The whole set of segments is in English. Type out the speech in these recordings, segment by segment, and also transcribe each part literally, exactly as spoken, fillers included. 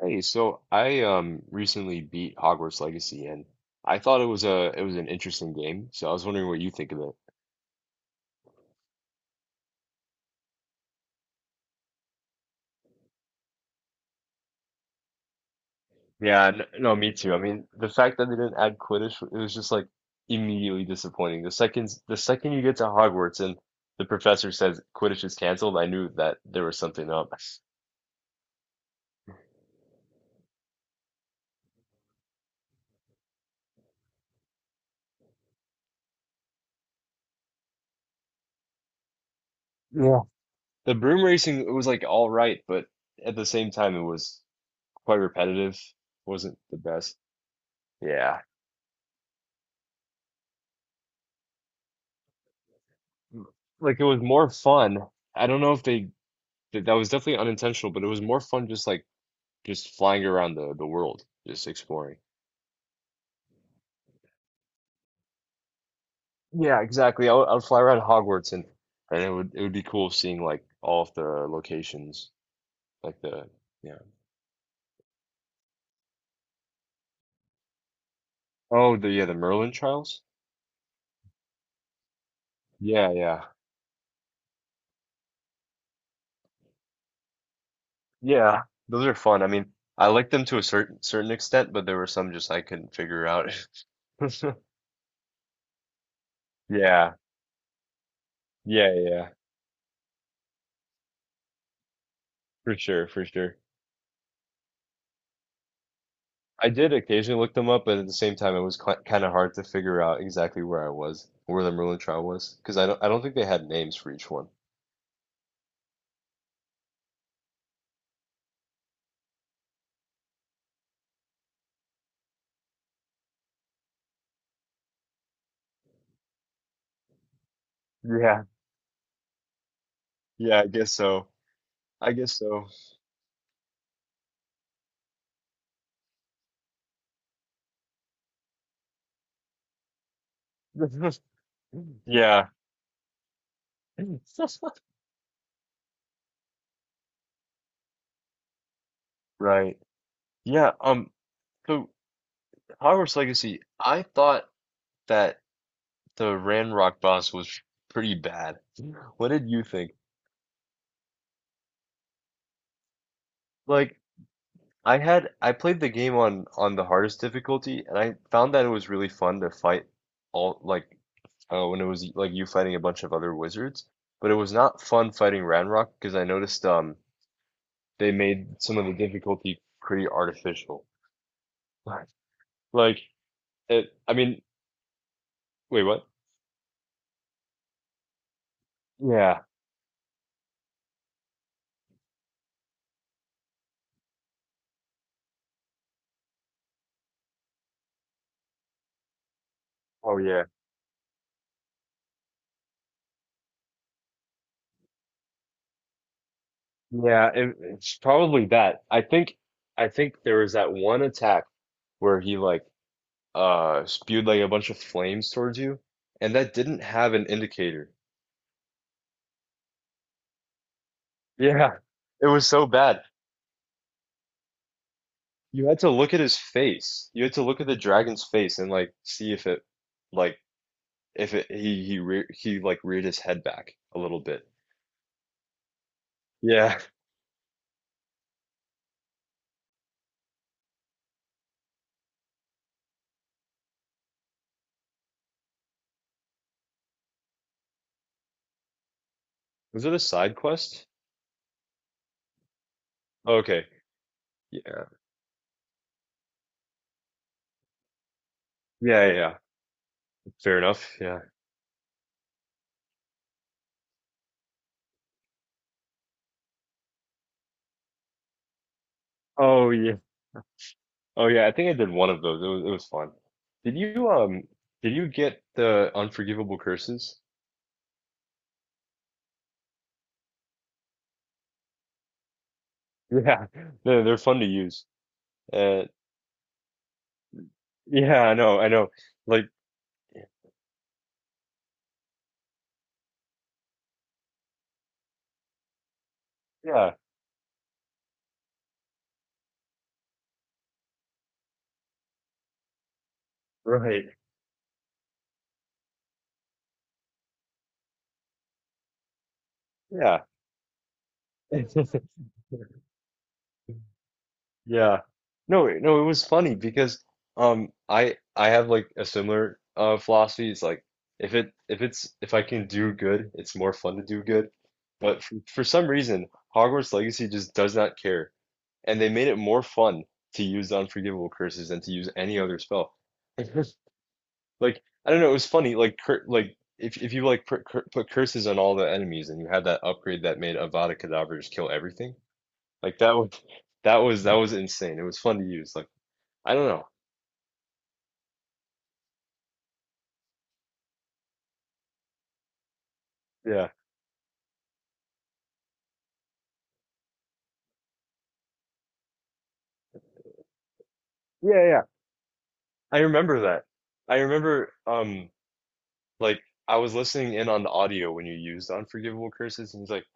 Hey, so I um recently beat Hogwarts Legacy and I thought it was a it was an interesting game. So I was wondering what you think of it. Yeah, n- no, me too. I mean, the fact that they didn't add Quidditch, it was just like immediately disappointing. The second the second you get to Hogwarts and the professor says Quidditch is canceled, I knew that there was something up. Yeah. The broom racing, it was like all right, but at the same time, it was quite repetitive. Wasn't the best. Yeah. Like it was more fun. I don't know if they Th- That was definitely unintentional, but it was more fun just like just flying around the the world, just exploring. Yeah, exactly. I would, I would fly around Hogwarts and and it would it would be cool seeing like all of the locations, like the yeah. Oh, the yeah, the Merlin trials? Yeah, yeah. Yeah, those are fun. I mean, I liked them to a certain certain extent, but there were some just I couldn't figure out. Yeah, yeah, yeah, for sure, for sure. I did occasionally look them up, but at the same time, it was kind of hard to figure out exactly where I was, where the Merlin trial was, because I don't, I don't think they had names for each one. Yeah, yeah, I guess so. I guess so. Yeah, right. Yeah, um, so Hogwarts Legacy, I thought that the Ranrock boss was pretty bad. What did you think? Like, I had I played the game on on the hardest difficulty, and I found that it was really fun to fight all like uh, when it was like you fighting a bunch of other wizards. But it was not fun fighting Ranrock because I noticed um they made some of the difficulty pretty artificial. Like it, I mean, wait, what? Yeah. Oh yeah. Yeah, it, it's probably that. I think I think there was that one attack where he like uh spewed like a bunch of flames towards you, and that didn't have an indicator. Yeah. It was so bad. You had to look at his face. You had to look at the dragon's face and like see if it like if it he he re he like reared his head back a little bit. Yeah. Was it a side quest? Okay. Yeah. Yeah, yeah, yeah. Fair enough. Yeah. Oh yeah. Oh yeah, I think I did one of those. It was it was fun. Did you um did you get the unforgivable curses? Yeah. They're they're fun to use. Uh yeah, I know, I know. Like yeah, right. Yeah. Yeah. No, it- no, it was funny because um I I have like a similar uh philosophy. It's like if it if it's if I can do good, it's more fun to do good. But for, for some reason, Hogwarts Legacy just does not care. And they made it more fun to use unforgivable curses than to use any other spell. Like I don't know, it was funny. Like cur like if if you like put, cur put curses on all the enemies and you had that upgrade that made Avada Kedavra just kill everything, like that would that was that was insane. It was fun to use. Like I don't know. Yeah. Yeah, yeah. I remember that. I remember um like I was listening in on the audio when you used Unforgivable Curses and he's like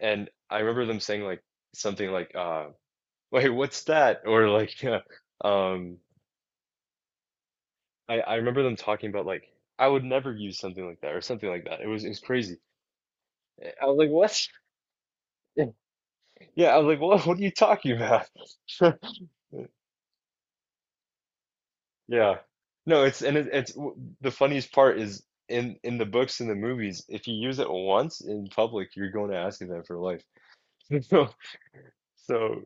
and I remember them saying like something like uh wait, what's that? Or like um I I remember them talking about like I would never use something like that or something like that. It was it was crazy. I was like, "What?" Yeah, I was like, "What what are you talking about?" Yeah. No, it's and it, it's w- the funniest part is in in the books and the movies, if you use it once in public, you're going to ask them for life. So, so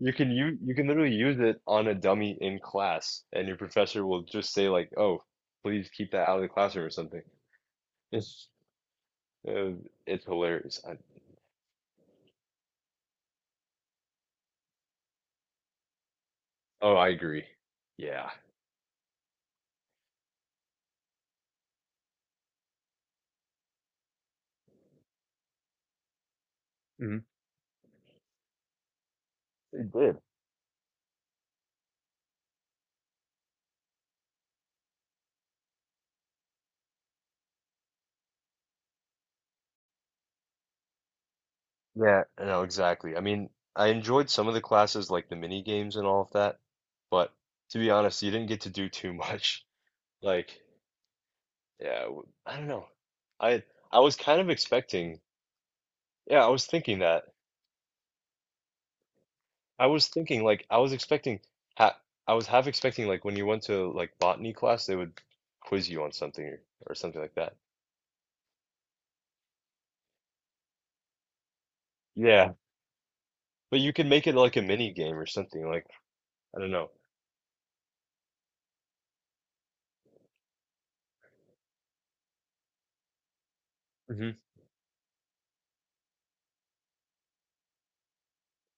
you can you you can literally use it on a dummy in class, and your professor will just say like, "Oh, please keep that out of the classroom" or something. It's uh, it's hilarious. I, oh, I agree. Yeah. Mhm. It did. Yeah, no, exactly. I mean, I enjoyed some of the classes, like the mini games and all of that, but to be honest, you didn't get to do too much. Like, yeah, w- I don't know. I I was kind of expecting, yeah, I was thinking that. I was thinking like I was expecting ha I was half expecting like when you went to like botany class, they would quiz you on something or, or something like that. Yeah, but you could make it like a mini game or something like I don't know. Hmm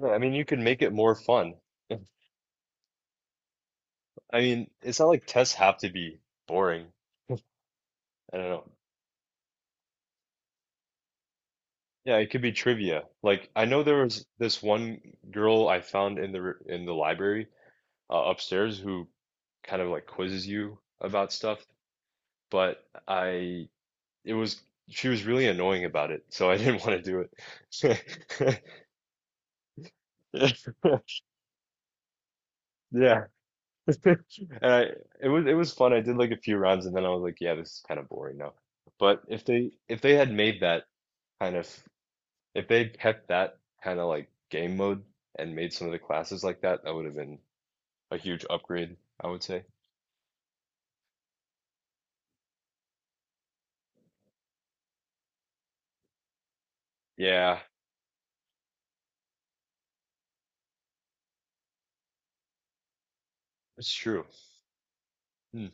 Yeah, I mean, you could make it more fun. I mean, it's not like tests have to be boring. I don't know. Yeah, it could be trivia. Like I know there was this one girl I found in the r- in the library uh, upstairs who kind of like quizzes you about stuff, but I it was she was really annoying about it, so I didn't want to do it. Yeah. And I it was it was fun. I did like a few rounds and then I was like, yeah, this is kind of boring now. But if they if they had made that kind of If they kept that kind of like game mode and made some of the classes like that, that would have been a huge upgrade, I would say. Yeah, it's true. Hmm.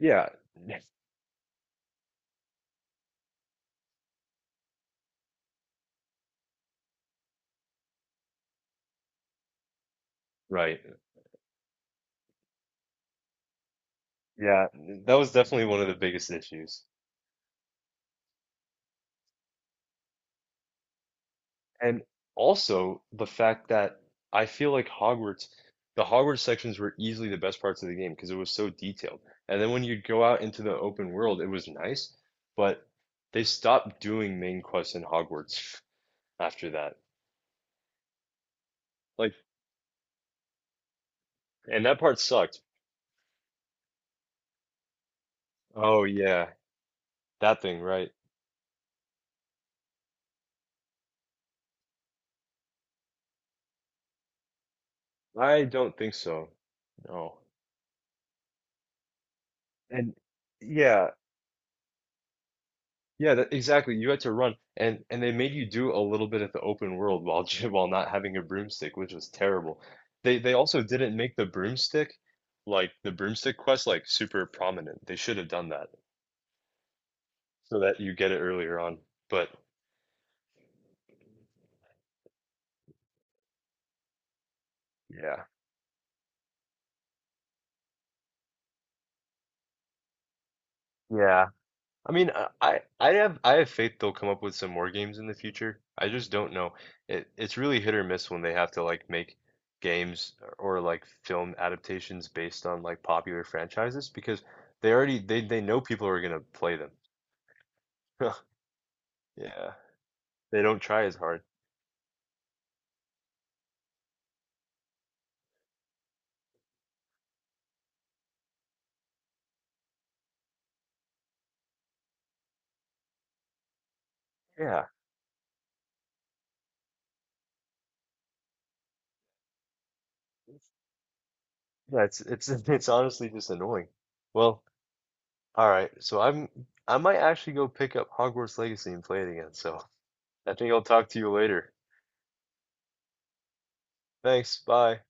Yeah, right. Yeah, that was definitely one of the biggest issues. And also the fact that I feel like Hogwarts, the Hogwarts sections were easily the best parts of the game because it was so detailed. And then when you'd go out into the open world, it was nice, but they stopped doing main quests in Hogwarts after that. Like And that part sucked. Oh yeah, that thing, right? I don't think so. No. And yeah, yeah, that, exactly. You had to run, and and they made you do a little bit of the open world while j- while not having a broomstick, which was terrible. They they also didn't make the broomstick, like the broomstick quest, like super prominent. They should have done that so that you get it earlier on. But yeah. Yeah. I mean, I I I have I have faith they'll come up with some more games in the future. I just don't know. It it's really hit or miss when they have to like make games or like film adaptations based on like popular franchises because they already they they know people are gonna play them. Yeah, they don't try as hard. Yeah, yeah. It's it's it's honestly just annoying. Well, all right. So I'm I might actually go pick up Hogwarts Legacy and play it again. So I think I'll talk to you later. Thanks. Bye.